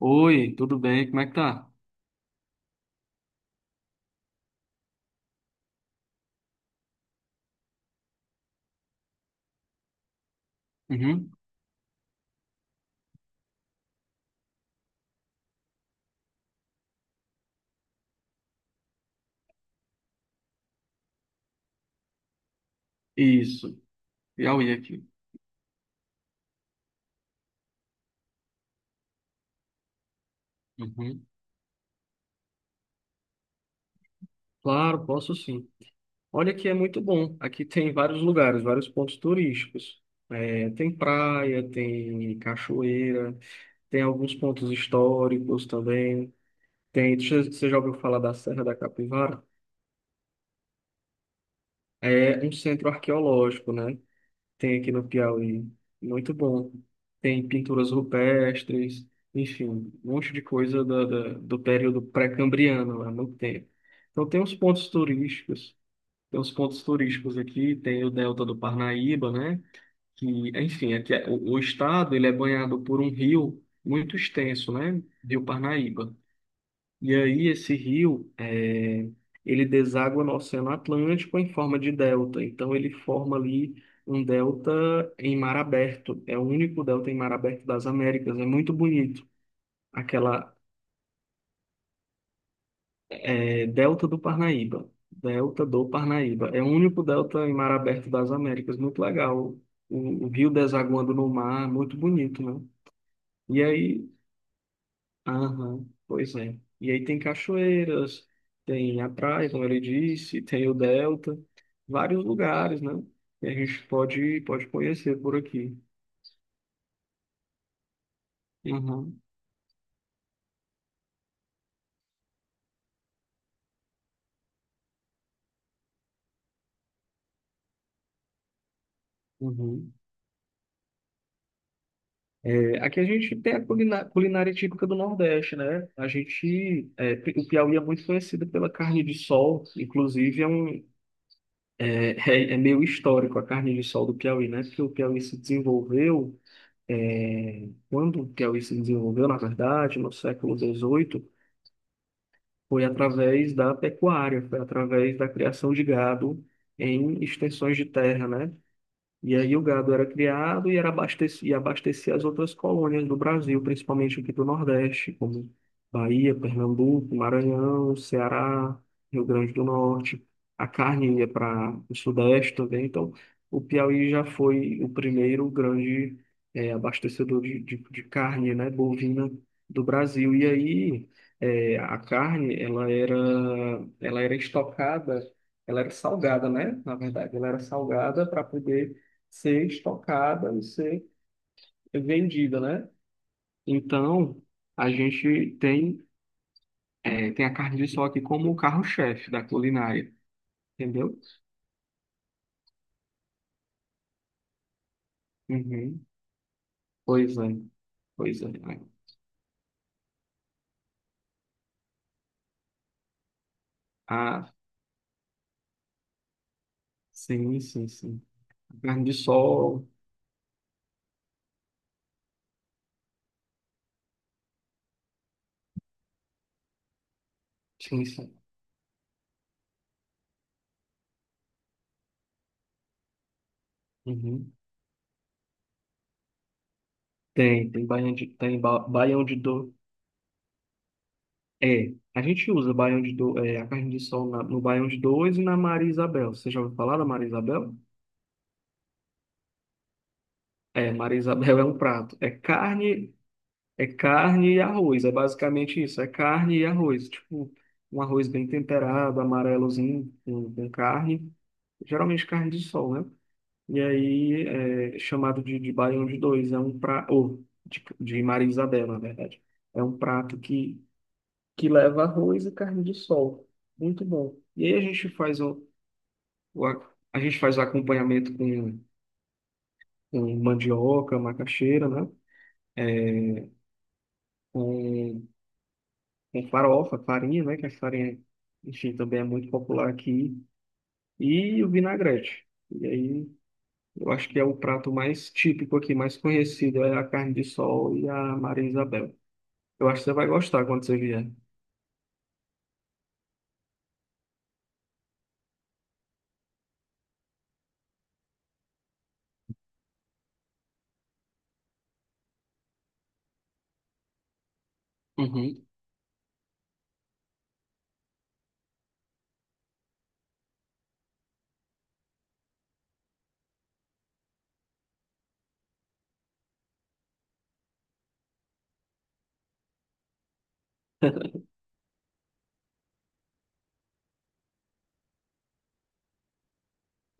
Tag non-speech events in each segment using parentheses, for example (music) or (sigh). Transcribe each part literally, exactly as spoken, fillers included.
Oi, tudo bem? Como é que tá? Uhum. Isso, Piauí aqui. Uhum. Claro, posso sim. Olha que é muito bom. Aqui tem vários lugares, vários pontos turísticos. É, tem praia, tem cachoeira, tem alguns pontos históricos também. Tem, você você já ouviu falar da Serra da Capivara? É um centro arqueológico, né? Tem aqui no Piauí. Muito bom. Tem pinturas rupestres, enfim, um monte de coisa da, da- do período pré-cambriano, há muito tempo. Então tem uns pontos turísticos, tem uns pontos turísticos aqui, tem o Delta do Parnaíba, né? Que, enfim, aqui é- o, o estado ele é banhado por um rio muito extenso, né? Rio Parnaíba. E aí esse rio, eh, ele deságua no Oceano Atlântico em forma de delta. Então ele forma ali um delta em mar aberto. É o único delta em mar aberto das Américas. É muito bonito. Aquela eh, delta do Parnaíba. Delta do Parnaíba. É o único delta em mar aberto das Américas. Muito legal. O, o rio desaguando no mar, muito bonito, né? E aí aham, pois é. E aí tem cachoeiras, tem a praia, como ele disse, tem o Delta, vários lugares, né? Que a gente pode, pode conhecer por aqui. Uhum, uhum. É, aqui a gente tem a culina- culinária típica do Nordeste, né? A gente, é, o Piauí é muito conhecido pela carne de sol, inclusive é um, é, (laughs) é é meio histórico a carne de sol do Piauí, né? Porque o Piauí se desenvolveu. É, quando o Piauí se desenvolveu, na verdade, no século dezoito, foi através da pecuária, foi através da criação de gado em extensões de terra, né? E aí o gado era criado e era abasteci, e abastecia as outras colônias do Brasil, principalmente aqui do Nordeste, como Bahia, Pernambuco, Maranhão, Ceará, Rio Grande do Norte. A carne ia para o Sudeste também. Então, o Piauí já foi o primeiro grande eh, abastecedor de, de, de carne, né, bovina do Brasil. E aí eh, a carne, ela era, ela era estocada, ela era salgada, né? Na verdade, ela era salgada para poder ser estocada e ser vendida, né? Então, a gente tem, é, tem a carne de sol aqui como o carro-chefe da culinária, entendeu? Uhum. Pois é, pois é. Ah, sim, sim, sim. Carne de sol, sim, sim. Uhum. Tem, tem baião de, tem ba- baião de dois. É, a gente usa baião de do, é, a carne de sol na- no baião de dois e na Maria Isabel. Você já ouviu falar da Maria Isabel? É, Maria Isabel (laughs) é um prato. É carne É carne e arroz, é basicamente isso. É carne e arroz. Tipo, um arroz bem temperado, amarelozinho, com, com carne. Geralmente carne de sol, né? E aí é chamado de, de baião de dois. É um prato, ou de, de Maria Isabel, na verdade. É um prato que, que leva arroz e carne de sol. Muito bom. E aí a gente faz o, o a, a gente faz o acompanhamento com, com mandioca, macaxeira, né? É, Com com farofa, farinha, né? Que a farinha, enfim, também é muito popular aqui. E o vinagrete. E aí, eu acho que é o prato mais típico aqui, mais conhecido, é a carne de sol e a Maria Isabel. Eu acho que você vai gostar quando você vier. Uhum.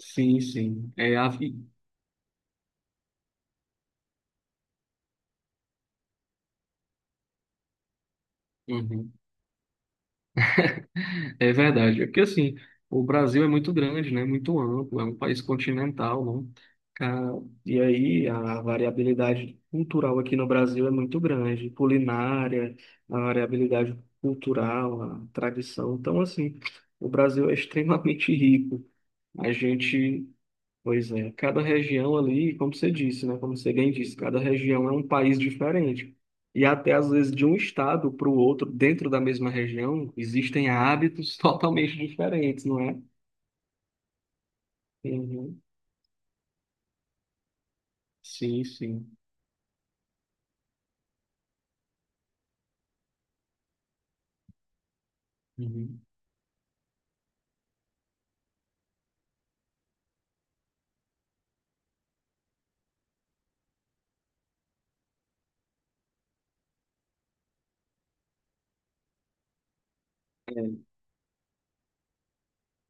Sim, sim. É a... Uhum. É verdade. É porque, assim, o Brasil é muito grande, né? Muito amplo, é um país continental, né? Ah, e aí a variabilidade cultural aqui no Brasil é muito grande, culinária, a variabilidade cultural, a tradição. Então, assim, o Brasil é extremamente rico. A gente pois é, cada região ali, como você disse, né? Como você bem disse, cada região é um país diferente. E até às vezes de um estado para o outro, dentro da mesma região, existem hábitos (laughs) totalmente diferentes, não é? Uhum. Sim, sim. Uhum. É,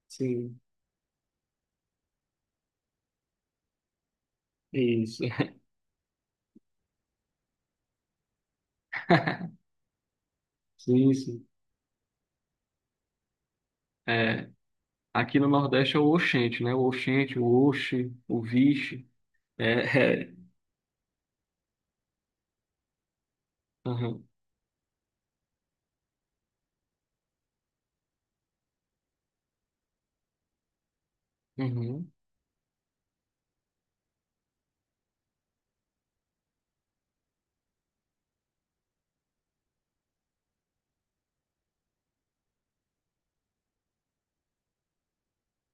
sim, isso. (laughs) Sim, sim. É, aqui no Nordeste é o oxente, né? O oxente, o oxe, o vixe. É, é. Aham, uhum,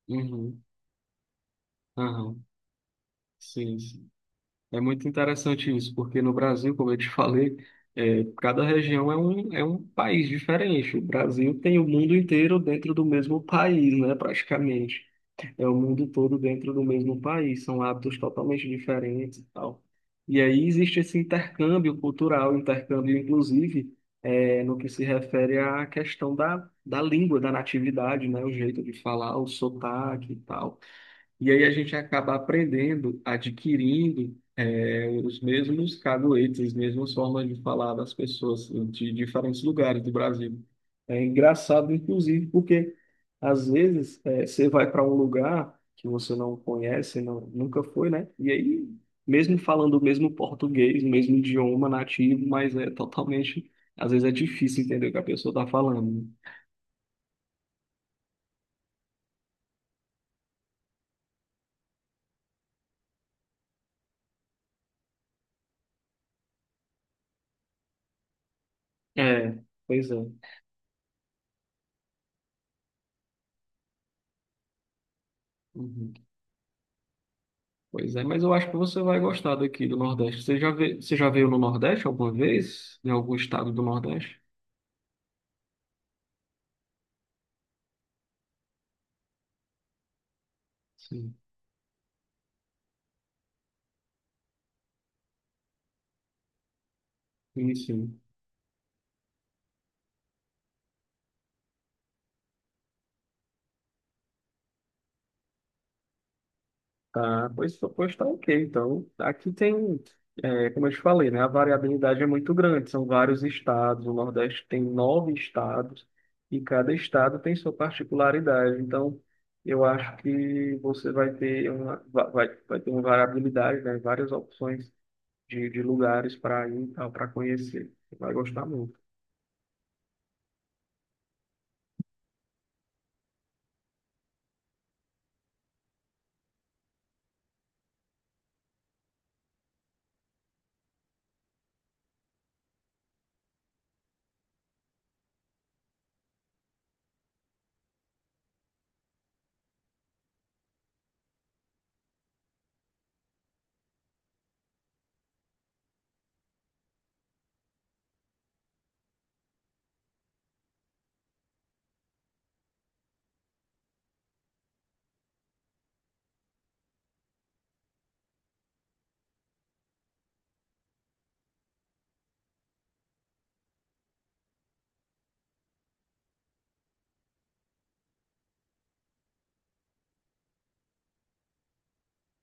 uhum, aham. Sim, sim. É muito interessante isso, porque no Brasil, como eu te falei, é, cada região é um, é um país diferente. O Brasil tem o mundo inteiro dentro do mesmo país, né, praticamente. É o mundo todo dentro do mesmo país, são hábitos totalmente diferentes e tal. E aí existe esse intercâmbio cultural, intercâmbio, inclusive, é, no que se refere à questão da, da língua, da natividade, né, o jeito de falar, o sotaque e tal. E aí a gente acaba aprendendo, adquirindo eh, os mesmos caguetes, as mesmas formas de falar das pessoas de diferentes lugares do Brasil. É engraçado, inclusive, porque às vezes eh, você vai para um lugar que você não conhece, não, nunca foi, né? E aí, mesmo falando o mesmo português, o mesmo idioma nativo, mas é totalmente, às vezes é difícil entender o que a pessoa está falando. É, pois é. Uhum. Pois é, mas eu acho que você vai gostar daqui do Nordeste. Você já ve- você já veio no Nordeste alguma vez? Em algum estado do Nordeste? Sim, sim, sim. Tá, pois, pois tá ok. Então, aqui tem, é, como eu te falei, né? A variabilidade é muito grande, são vários estados. O Nordeste tem nove estados e cada estado tem sua particularidade. Então, eu acho que você vai ter uma, va- vai, vai ter uma variabilidade, né? Várias opções de, de lugares para ir e tal, para conhecer. Você vai gostar muito.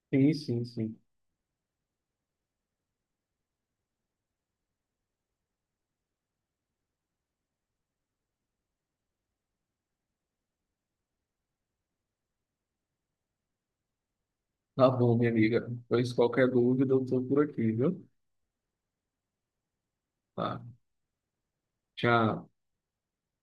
Sim, sim, sim. Tá bom, minha amiga. Pois qualquer dúvida, eu tô por aqui, viu? Tá. Tchau.